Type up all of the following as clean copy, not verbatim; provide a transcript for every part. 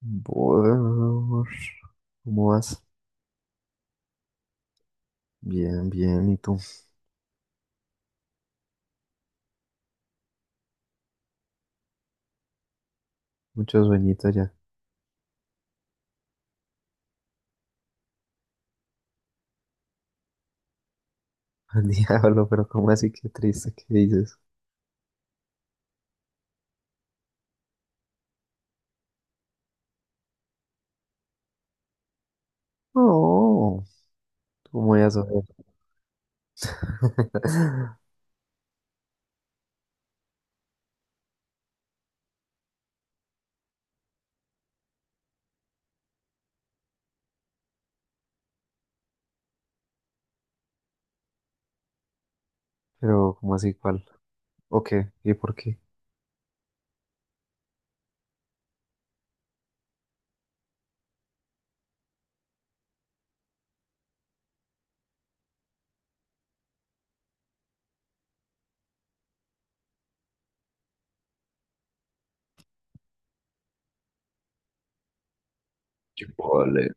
Buenas, ¿cómo vas? Bien, bien, ¿y tú? Mucho sueñito ya. Al diablo, pero ¿cómo así? Qué triste, ¿qué dices? No, ¿cómo ya sabes? Pero, ¿cómo así cuál? ¿O qué? ¿Y por qué? Qué vale.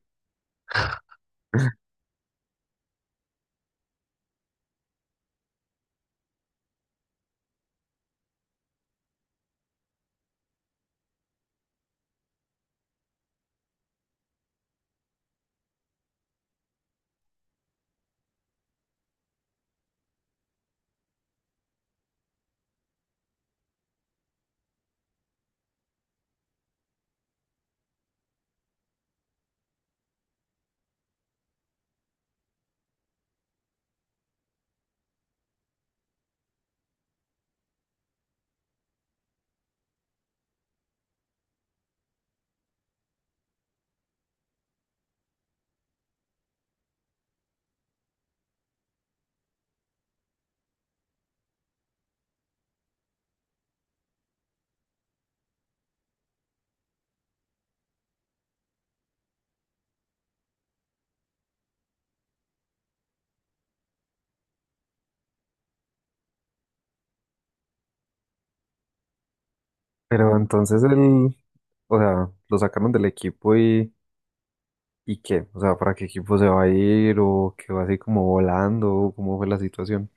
Pero entonces o sea, lo sacaron del equipo ¿y qué? O sea, ¿para qué equipo se va a ir? ¿O qué va así como volando? ¿O cómo fue la situación?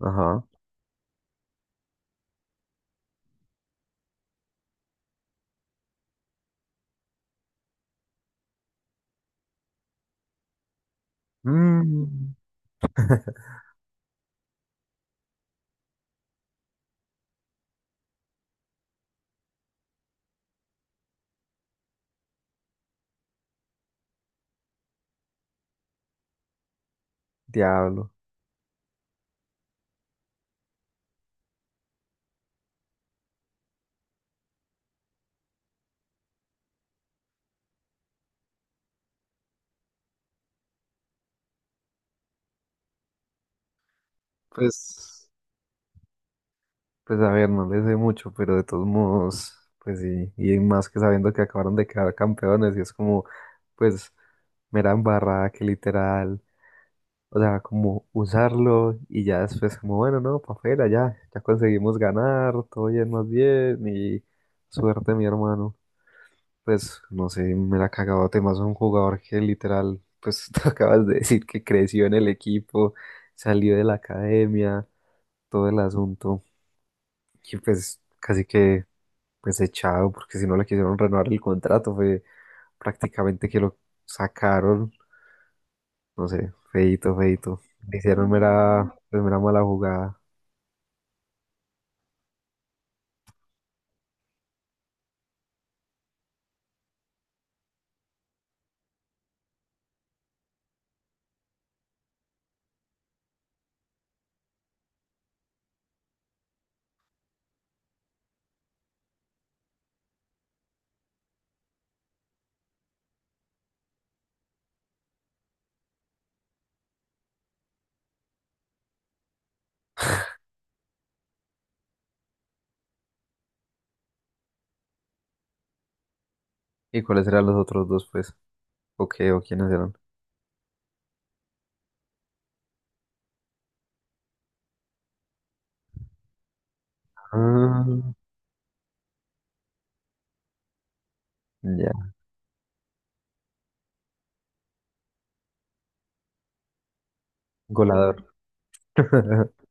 Ajá. Mm, diablo. Pues. Pues a ver, no les sé mucho, pero de todos modos, pues sí, y más que sabiendo que acabaron de quedar campeones, y es como, pues, mera embarrada que literal, o sea, como usarlo y ya después como, bueno, no, pa' afuera, ya, ya conseguimos ganar, todo bien, más bien, y suerte, mi hermano. Pues no sé, me la cagado temas un jugador que literal, pues, tú acabas de decir que creció en el equipo, salió de la academia, todo el asunto, y pues casi que pues echado, porque si no le quisieron renovar el contrato, fue prácticamente que lo sacaron, no sé, feito feito. Le hicieron mera, pues, mera mala jugada. ¿Y cuáles eran los otros dos, pues? ¿O qué? ¿O quiénes eran? Ah, ya, goleador.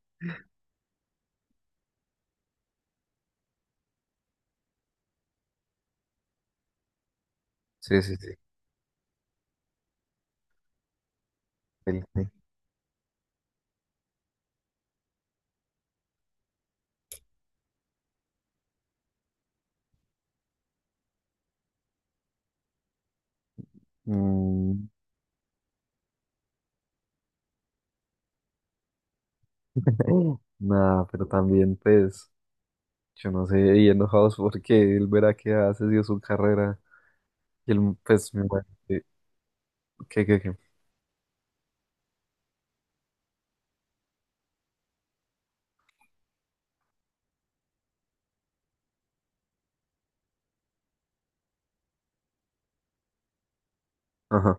Sí, sí, sí. Él sí. Mm, nada, pero también, pues, yo no sé, y enojados porque él verá que hace dio su carrera. Y él, pues, me imagino que, que, que- ajá.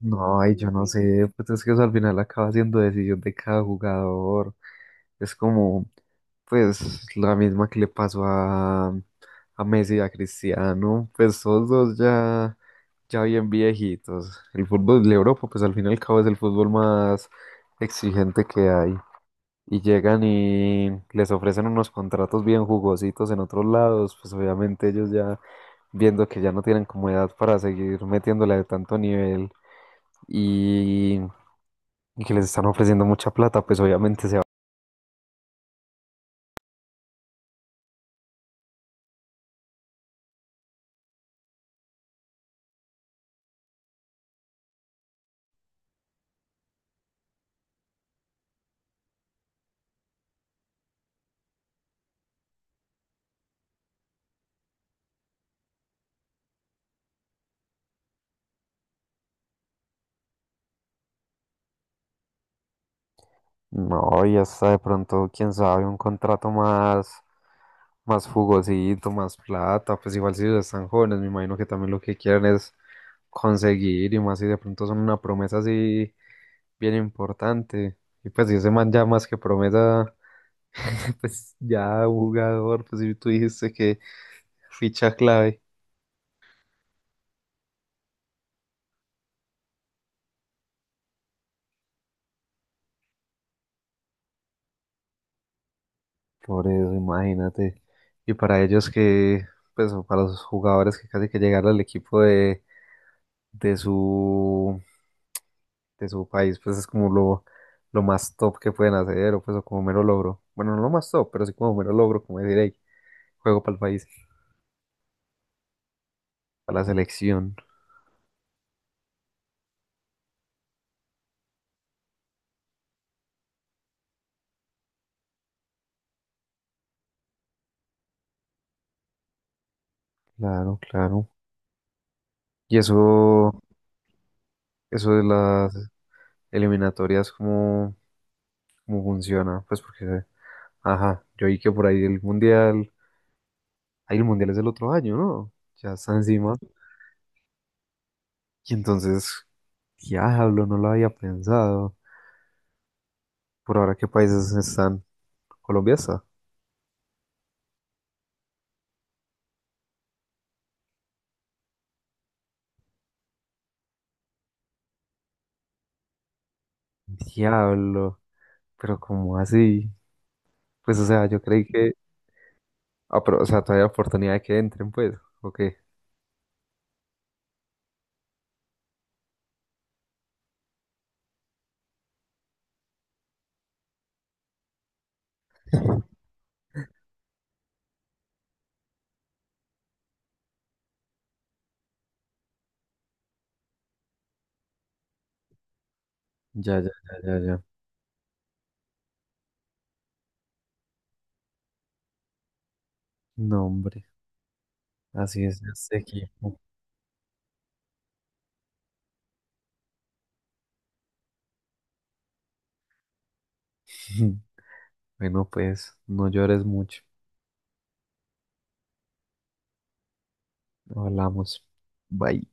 No, ay, yo no sé, pues es que eso al final acaba siendo decisión de cada jugador. Es como, pues, la misma que le pasó a Messi y a Cristiano, pues esos dos ya, ya bien viejitos. El fútbol de Europa, pues al fin y al cabo es el fútbol más exigente que hay. Y llegan y les ofrecen unos contratos bien jugositos en otros lados, pues obviamente ellos ya viendo que ya no tienen como edad para seguir metiéndole de tanto nivel. Y y que les están ofreciendo mucha plata, pues obviamente se va. No, y hasta de pronto, quién sabe, un contrato más, más jugosito, más plata, pues igual si ellos están jóvenes, me imagino que también lo que quieren es conseguir, y más si de pronto son una promesa así bien importante. Y pues si ese man ya más que promesa, pues ya jugador, pues si tú dijiste que ficha clave. Por eso, imagínate. Y para ellos que, pues o para los jugadores que casi que llegaron al equipo de su, de su país, pues es como lo más top que pueden hacer, o pues o como mero logro. Bueno, no lo más top, pero sí como mero logro, como decir, hey, juego para el país, para la selección. Claro, claro. Y eso de las eliminatorias, ¿cómo, cómo funciona? Pues porque, ajá, yo vi que por ahí el mundial es el otro año, ¿no? Ya está encima. Y entonces, diablo, no lo había pensado. Por ahora, ¿qué países están? Colombia está. Diablo, pero ¿cómo así? Pues, o sea, yo creí que, ah, pero, o sea, todavía hay oportunidad de que entren, pues, ¿o qué? Ya, ya, ya, ya, ya. No, hombre, así es este equipo. Bueno, pues, no llores mucho. Hablamos. Bye.